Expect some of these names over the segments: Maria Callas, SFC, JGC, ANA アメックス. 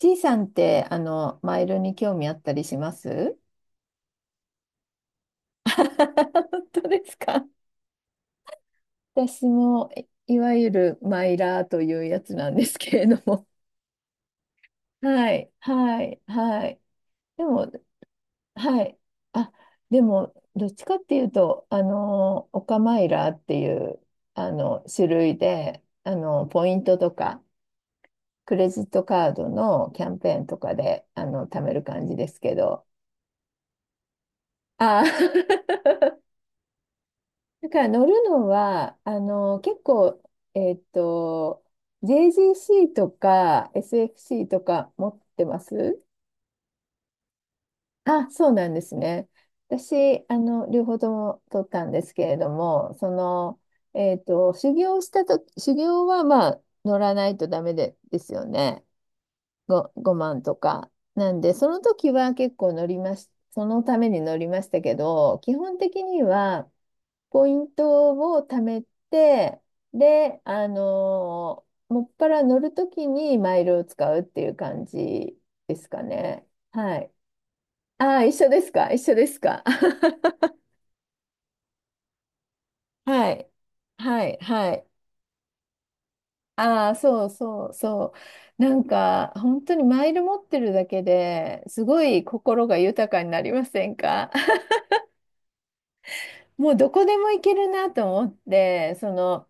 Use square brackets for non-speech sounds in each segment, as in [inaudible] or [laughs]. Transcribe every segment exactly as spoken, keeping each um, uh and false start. ちいさんって、あの、マイルに興味あったりします？ [laughs] 本当ですか？私も、いいわゆるマイラーというやつなんですけれども。はい、はい、はい。でも、はい。あ、でも、どっちかっていうと、あの、オカマイラーっていう、あの、種類で、あの、ポイントとか、クレジットカードのキャンペーンとかで、あの、貯める感じですけど。ああ [laughs] だから乗るのは、あの、結構、えっと、ジェージーシー とか エスエフシー とか持ってますあ、そうなんですね。私、あの、両方とも取ったんですけれども、その、えっと、修行したと、修行はまあ、乗らないとダメで、ですよね。ご、ごまんとか。なんで、その時は結構乗りまし、そのために乗りましたけど、基本的には、ポイントを貯めて、で、あのーもっぱら乗るときにマイルを使うっていう感じですかね。はい。ああ、一緒ですか？一緒ですか？ [laughs] はい。はい。はい。ああ、そうそうそう。なんか、本当にマイル持ってるだけですごい心が豊かになりませんか？ [laughs] もうどこでも行けるなと思って、その、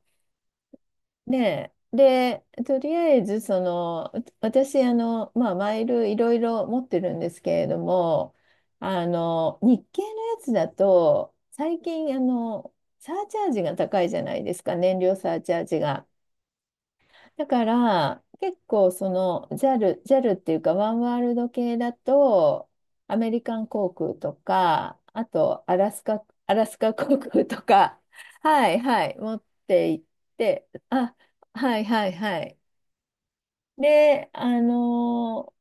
ねえ。で、とりあえず、その、う私、あの、まあ、マイルいろいろ持ってるんですけれども、あの、日系のやつだと、最近、あの、サーチャージが高いじゃないですか、燃料サーチャージが。だから結構そのジャルジャルっていうかワンワールド系だとアメリカン航空とかあとアラスカ、アラスカ航空とか、はいはい、持って行って。あ、はいはいはい。で、あのー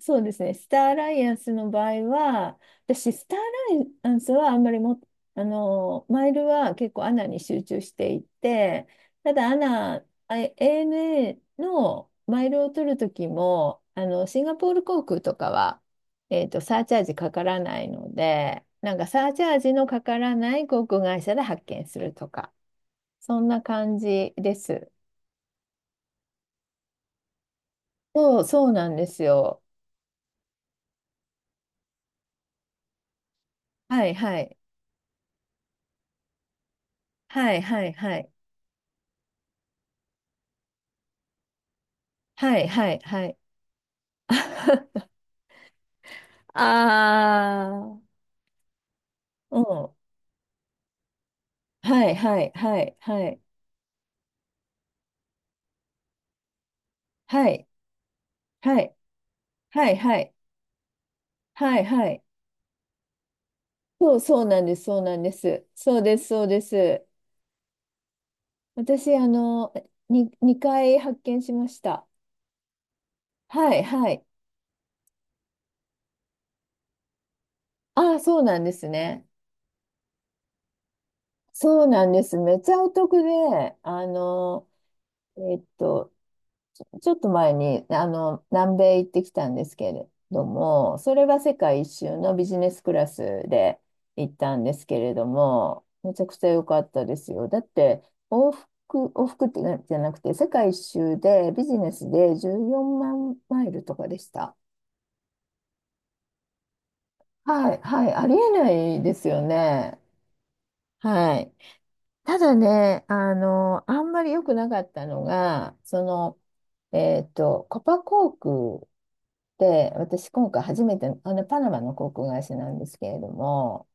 そうですね。スターアライアンスの場合は、私、スターアライアンスはあんまりも、あの、マイルは結構アナに集中していて、ただアナ、あ アナ のマイルを取るときも、あの、シンガポール航空とかは、えっと、サーチャージかからないので、なんかサーチャージのかからない航空会社で発券するとか、そんな感じです。そう、そうなんですよ。はい、はい。はい、はい、はい。はい、はい、はい。[laughs] ああ、うん。はい、はい、はい、はい、はい、はい、はい、はい、はい、はい。そう、そうなんです、そうなんです。そうです、そうです。私、あの、に、にかい発見しました。はい、はい。ああ、そうなんですね。そうなんです。めっちゃお得で、あの、えっと、ちょっと前に、あの、南米行ってきたんですけれども、それは世界一周のビジネスクラスで行ったんですけれども、めちゃくちゃ良かったですよ。だって、往復、往復ってなじゃなくて、世界一周でビジネスでじゅうよんまんマイルとかでした。はい、はい、ありえないですよね。はい。ただね、あの、あんまり良くなかったのが、その、えっと、コパ航空で、私今回初めて、あの、パナマの航空会社なんですけれども、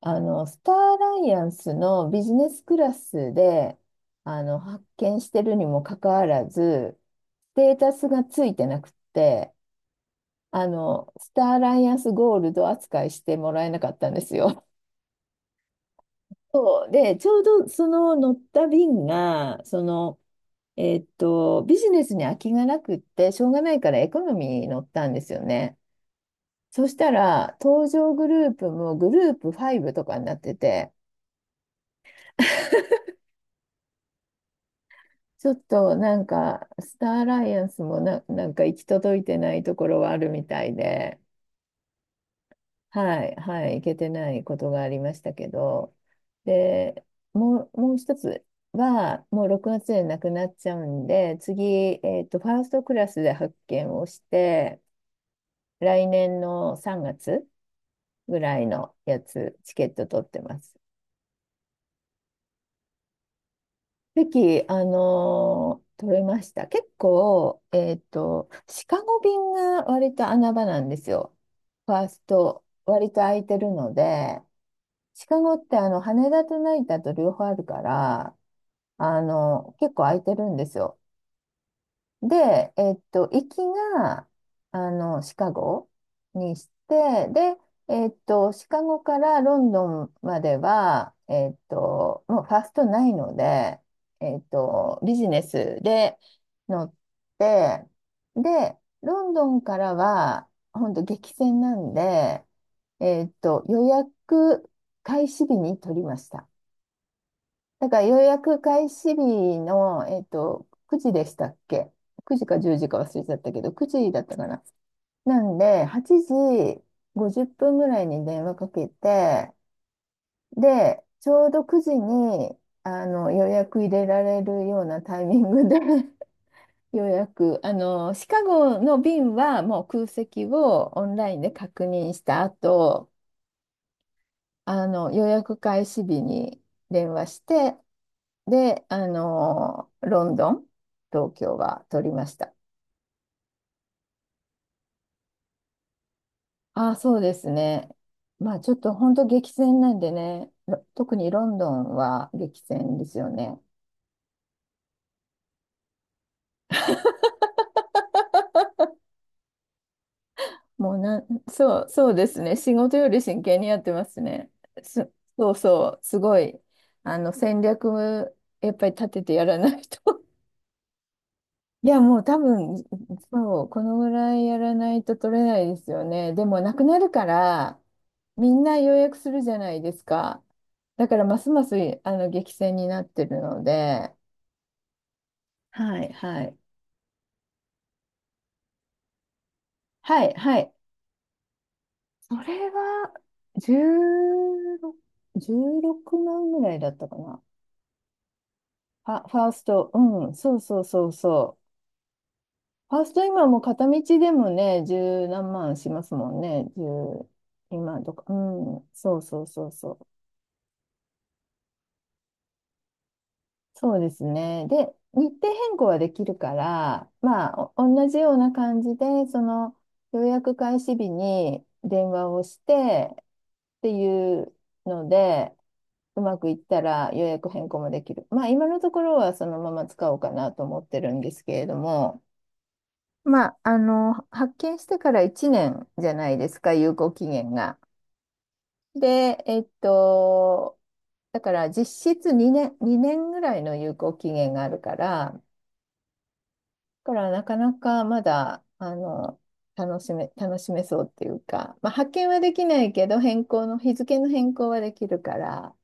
あの、スターアライアンスのビジネスクラスで、あの、発見してるにもかかわらず、ステータスがついてなくって、あの、スターアライアンスゴールド扱いしてもらえなかったんですよ。そう。で、ちょうどその乗った便が、その、えーっと、ビジネスに空きがなくって、しょうがないからエコノミーに乗ったんですよね。そしたら、登場グループもグループごとかになってて、ちょっとなんか、スターアライアンスもな、なんか行き届いてないところはあるみたいで、はい、はい、行けてないことがありましたけど、で、もう、もう一つは、もうろくがつでなくなっちゃうんで、次、えっと、ファーストクラスで発見をして、来年のさんがつぐらいのやつ、チケット取ってます。席、あのー取れました。結構、えっと、シカゴ便が割と穴場なんですよ。ファースト、割と空いてるので、シカゴってあの羽田と成田と両方あるから、あの、結構空いてるんですよ。で、えっと、行きが、あの、シカゴにして、で、えっと、シカゴからロンドンまでは、えっと、もうファーストないので、えっと、ビジネスで乗って、で、ロンドンからは、本当激戦なんで、えっと、予約開始日に取りました。だから予約開始日の、えっと、くじでしたっけ？ く 時かじゅうじか忘れちゃったけど、くじだったかな。なんで、はちじごじゅっぷんぐらいに電話かけて、で、ちょうどくじにあの予約入れられるようなタイミングで [laughs] 予約、あの、シカゴの便はもう空席をオンラインで確認した後、あの、予約開始日に電話して、で、あの、ロンドン、東京は取りました。ああ、そうですね。まあちょっと本当激戦なんでね、ろ特にロンドンは激戦ですよね。もうなん、そう、そうですね。仕事より真剣にやってますね。す、そうそう、すごい。あの、戦略、やっぱり立ててやらないと。 [laughs] いや、もう多分、そう、このぐらいやらないと取れないですよね。でも、なくなるから、みんな予約するじゃないですか。だからますますあの激戦になってるので、はい、はい。はい、はい。それは、じゅうろく、じゅうろくまんぐらいだったかな。ファ、ファースト、うん、そうそうそうそう。ファースト今もう片道でもね、十何万しますもんね。十、今とか、うん、そうそうそうそう。そうですね。で、日程変更はできるから、まあ、お同じような感じで、その予約開始日に電話をしてっていうので、うまくいったら予約変更もできる。まあ、今のところはそのまま使おうかなと思ってるんですけれども、まあ、あの、発券してからいちねんじゃないですか、有効期限が。で、えっと、だから実質にねん、にねんぐらいの有効期限があるから、だからなかなかまだ、あの、楽しめ、楽しめそうっていうか、まあ、発遣はできないけど、変更の、日付の変更はできるから、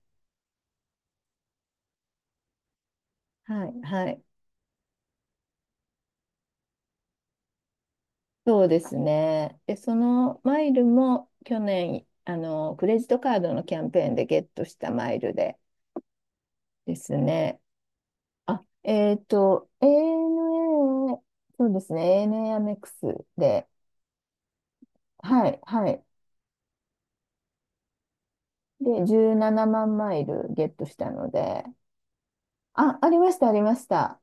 はい、はい。そうですね。で、そのマイルも去年、あの、クレジットカードのキャンペーンでゲットしたマイルでですね、あ、えっと、アナ、そうですね、アナ アメックスで、はい、はい。で、じゅうななまんマイルゲットしたので、あ、ありました、ありました。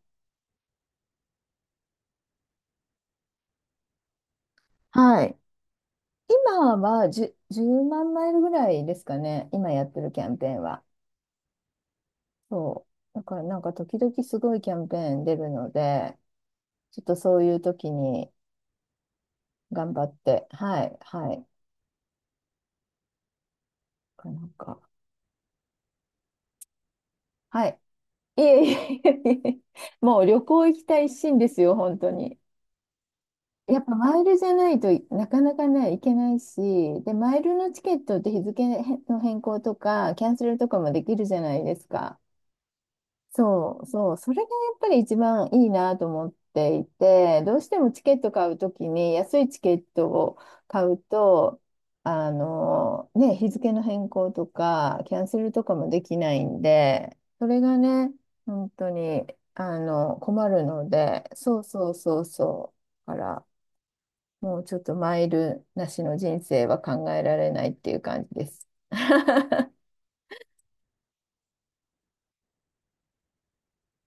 はい。今はじゅう、万マイルぐらいですかね、今やってるキャンペーンは。そう。だからなんか時々すごいキャンペーン出るので、ちょっとそういう時に頑張って、はい、はい。なんか、はい。いえいえいえいえ、[laughs] もう旅行行きたい一心ですよ、本当に。やっぱマイルじゃないとなかなかね、行けないし、で、マイルのチケットって日付の変更とか、キャンセルとかもできるじゃないですか。そうそう、それがやっぱり一番いいなと思っていて、どうしてもチケット買うときに安いチケットを買うと、あのね、日付の変更とかキャンセルとかもできないんで、それがね、本当にあの困るので、そうそうそうそう、だからもうちょっとマイルなしの人生は考えられないっていう感じです。[laughs]